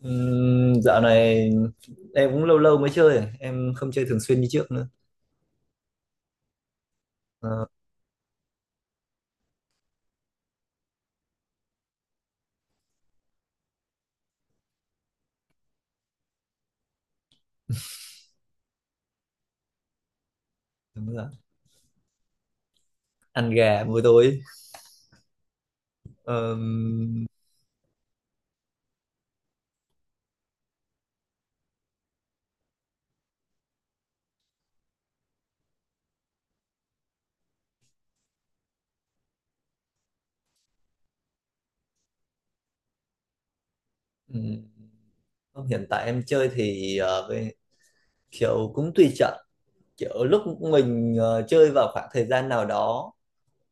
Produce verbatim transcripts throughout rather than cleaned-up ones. Ừm, dạo này em cũng lâu lâu mới chơi, em không chơi thường xuyên như trước nữa. Ờ, đúng rồi. Ăn gà buổi tối. Ờm, ừm, Không, hiện tại em chơi thì ờ, với- kiểu cũng tùy trận, kiểu lúc mình ờ, chơi vào khoảng thời gian nào đó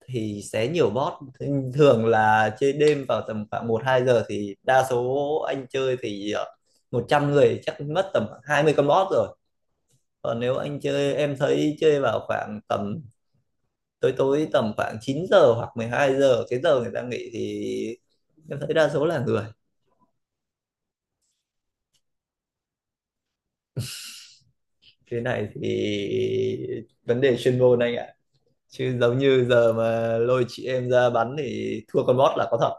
thì sẽ nhiều bot. Thế thường là chơi đêm vào tầm khoảng một hai giờ thì đa số anh chơi thì ờ, một trăm người chắc mất tầm khoảng hai mươi con bot rồi. Còn nếu anh chơi, em thấy chơi vào khoảng tầm tối tối tầm khoảng chín giờ hoặc mười hai giờ, cái giờ người ta nghỉ thì em thấy đa số là người. Cái này thì vấn đề chuyên môn anh ạ, chứ giống như giờ mà lôi chị em ra bắn thì thua con bot là có thật.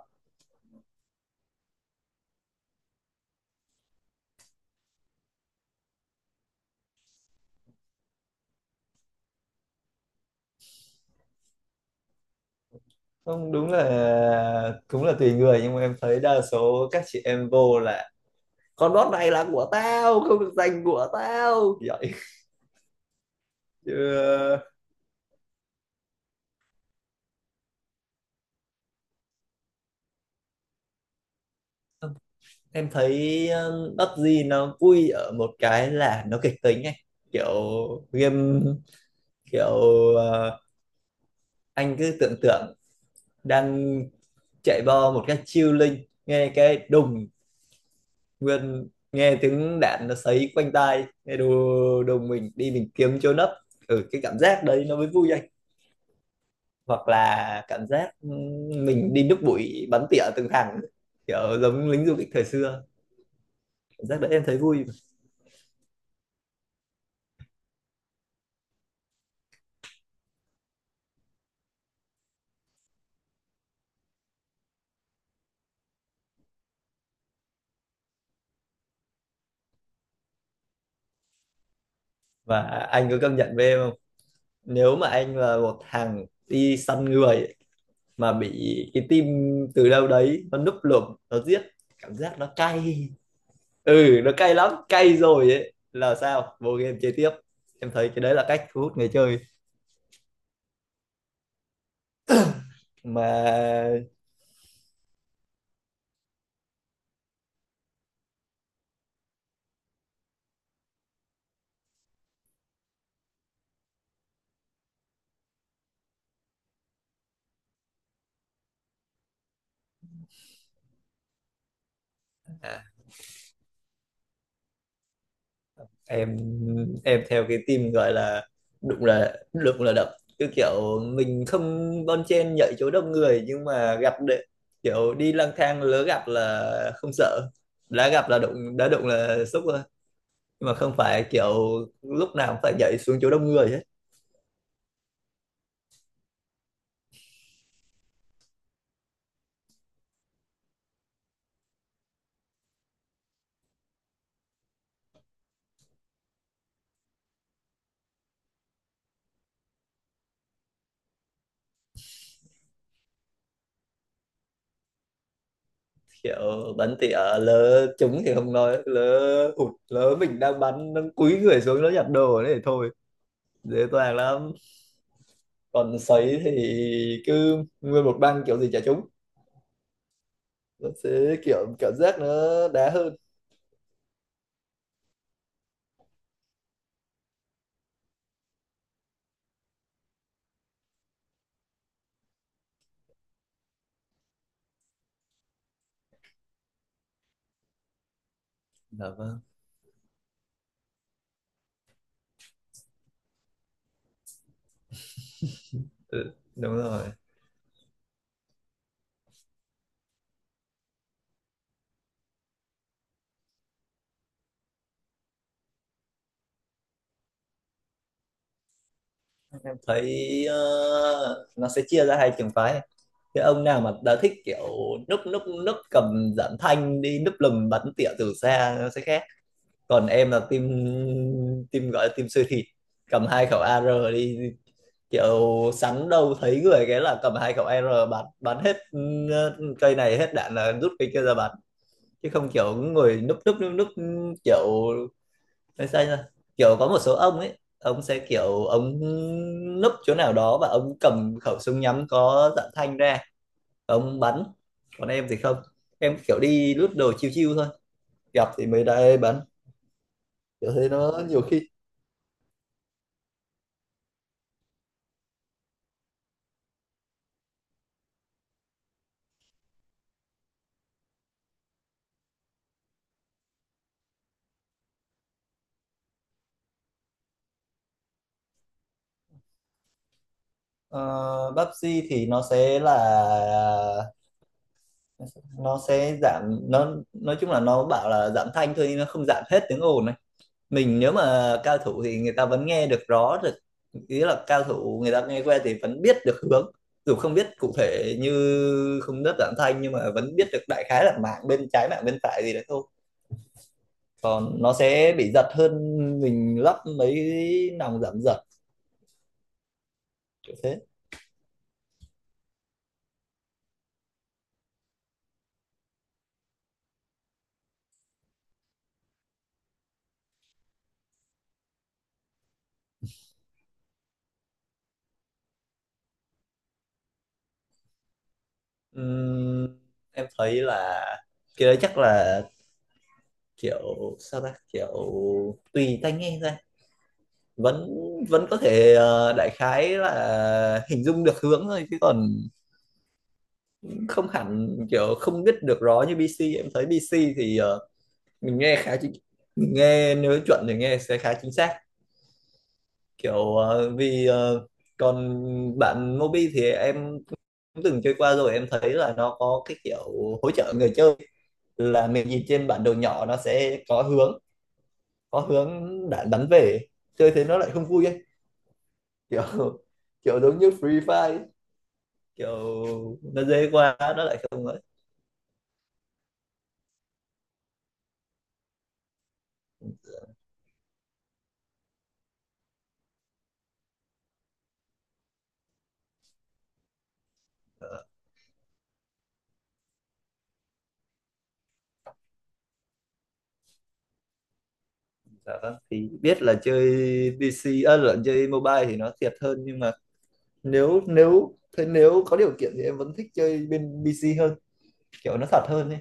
Không, đúng là cũng là tùy người nhưng mà em thấy đa số các chị em vô là con bot này là của tao, không được giành của tao vậy chứ. Em thấy um, pắp gi nó vui ở một cái là nó kịch tính ấy. Kiểu game, kiểu ờ, anh cứ tưởng tượng đang chạy bo một cách chiêu linh, nghe cái đùng, nguyên nghe tiếng đạn nó sấy quanh tai, nghe đù đùng mình đi mình kiếm chỗ nấp. Ừ, cái cảm giác đấy nó mới vui anh. Hoặc là cảm giác ừm, mình đi núp bụi bắn tỉa từng hàng, kiểu giống lính du kích thời xưa. Cảm giác đấy em thấy vui. Và anh có công nhận với em không, nếu mà anh là một thằng đi săn người mà bị cái team từ đâu đấy nó núp lùm nó giết, cảm giác nó cay. Ừ, nó cay lắm, cay rồi ấy là sao vô game chơi tiếp. Em thấy cái đấy là cách thu hút người chơi mà. À, em em theo cái team gọi là đụng là đụng là đập, cứ kiểu mình không bon chen nhảy chỗ đông người nhưng mà gặp đệ, kiểu đi lang thang lỡ gặp là không sợ, đã gặp là đụng, đã đụng là xúc rồi. Nhưng mà không phải kiểu lúc nào cũng phải nhảy xuống chỗ đông người kiểu. Bắn tỉa lỡ trúng thì không nói, lỡ hụt, lỡ mình đang bắn nó cúi người xuống nó nhặt đồ đấy thì thôi, dễ dàng lắm. Còn sấy thì cứ nguyên một băng kiểu gì chả trúng, nó sẽ kiểu cảm giác nó đá hơn. Dạ vâng. Ừ, đúng rồi. Em thấy ờ, nó sẽ chia ra hai trường phái. Cái ông nào mà đã thích kiểu núp núp núp cầm giảm thanh đi núp lùm bắn tỉa từ xa nó sẽ khác. Còn em là team, team gọi là team siêu thịt, cầm hai khẩu a rờ đi, kiểu sắn đâu thấy người cái là cầm hai khẩu a rờ bắn bắn hết. Ừ, cây này hết đạn là rút cây kia ra bắn, chứ không kiểu người núp núp núp núp. Kiểu nói sao nhỉ? Kiểu có một số ông ấy ông sẽ kiểu ông núp chỗ nào đó và ông cầm khẩu súng nhắm có dạng thanh ra ông bắn. Còn em thì không, em kiểu đi lướt đồ chiêu chiêu thôi, gặp thì mới đây bắn, kiểu thế nó nhiều khi. Ờ, Pepsi thì nó sẽ là ờ, nó sẽ giảm, nó nói chung là nó bảo là giảm thanh thôi nhưng nó không giảm hết tiếng ồn này. Mình nếu mà cao thủ thì người ta vẫn nghe được rõ được, ý là cao thủ người ta nghe que thì vẫn biết được hướng, dù không biết cụ thể như không đất giảm thanh nhưng mà vẫn biết được đại khái là mạng bên trái mạng bên phải gì đấy thôi. Còn nó sẽ bị giật hơn, mình lắp mấy nòng giảm giật kiểu thế. Ừm, em thấy là cái đấy chắc là kiểu sao ta, kiểu tùy tai nghe ra vẫn vẫn có thể ờ, đại khái là hình dung được hướng thôi, chứ còn không hẳn kiểu không biết được rõ như bê xê. Em thấy bê xê thì ờ, mình nghe khá chính, mình nghe nếu chuẩn thì nghe sẽ khá chính xác, kiểu ờ, vì ờ, còn bạn Mobi thì em cũng từng chơi qua rồi, em thấy là nó có cái kiểu hỗ trợ người chơi, là mình nhìn trên bản đồ nhỏ nó sẽ có hướng, có hướng đã đánh về. Chơi thế nó lại không vui ấy, kiểu kiểu giống như Free Fire ấy. Kiểu nó dễ quá nó lại không ấy. Ờ, dạ vâng thì biết là chơi pi xi à, là chơi mobile thì nó thiệt hơn, nhưng mà nếu nếu thế, nếu có điều kiện thì em vẫn thích chơi bên pi xi hơn, kiểu nó thật hơn ấy.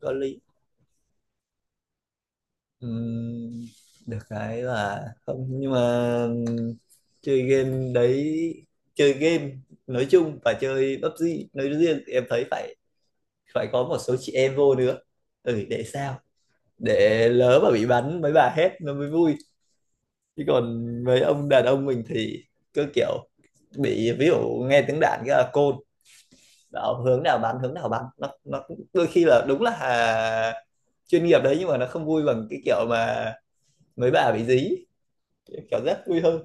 Có lý. Ừm, được cái là không nhưng mà chơi game đấy, chơi game nói chung và chơi pắp gi nói riêng thì em thấy phải phải có một số chị em vô nữa. Ừ, để sao, để lỡ mà bị bắn mấy bà hét nó mới vui, chứ còn mấy ông đàn ông mình thì cứ kiểu bị ví dụ nghe tiếng đạn cái là côn bảo hướng nào bắn hướng nào bắn, nó nó cũng- đôi khi là đúng là à, chuyên nghiệp đấy, nhưng mà nó không vui bằng cái kiểu mà mấy bà bị dí kiểu rất vui hơn.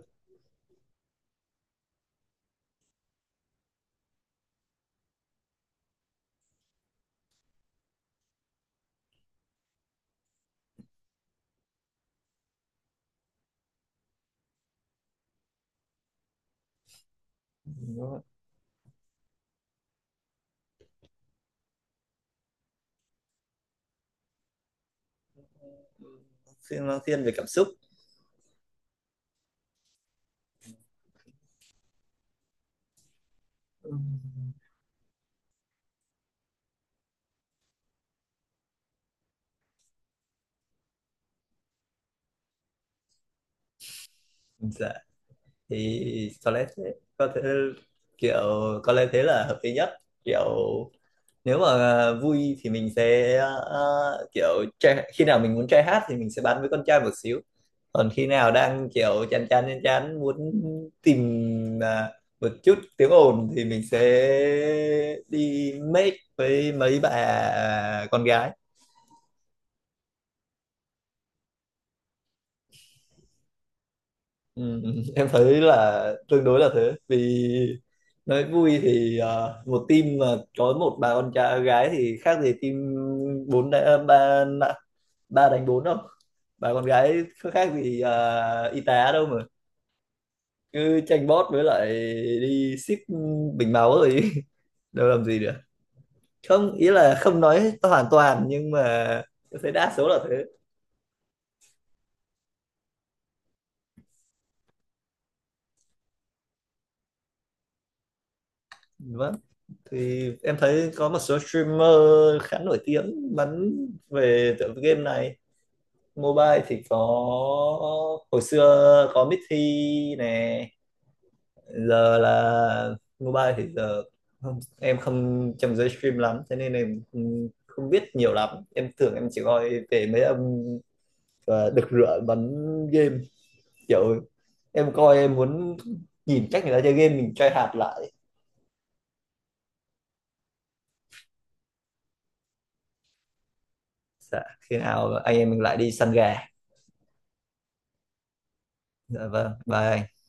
Nó thiên nó thiên về cảm xúc. Dạ thì có lẽ thế, có thể kiểu có lẽ thế là hợp lý nhất. Kiểu nếu mà ờ, vui thì mình sẽ ờ, kiểu trai, khi nào mình muốn trai hát thì mình sẽ bắn với con trai một xíu. Còn khi nào đang kiểu chán chán chán chán muốn tìm à, một chút tiếng ồn thì mình sẽ đi make với mấy bà con gái. Ừ, em thấy là tương đối là thế, vì nói vui thì ờ, một team mà có một bà con trai gái thì khác gì team bốn đa- ba, ba đánh bốn đâu. Bà con gái có khác gì à, y tá đâu, mà cứ tranh bót với lại đi ship bình máu rồi đâu làm gì được. Không ý là không nói hoàn toàn nhưng mà tôi thấy đa số là thế. Vâng thì em thấy có một số streamer khá nổi tiếng bắn về tựa game này, mobile thì có hồi xưa có Mithy nè. Giờ là mobile thì giờ không, em không trong giới stream lắm thế nên em không, không biết nhiều lắm. Em thường em chỉ coi về mấy ông ờ, đực rửa bắn game, kiểu em coi em muốn nhìn cách người ta chơi game mình try hạt lại. Dạ, khi nào anh em mình lại đi săn gà. Dạ vâng, bye anh.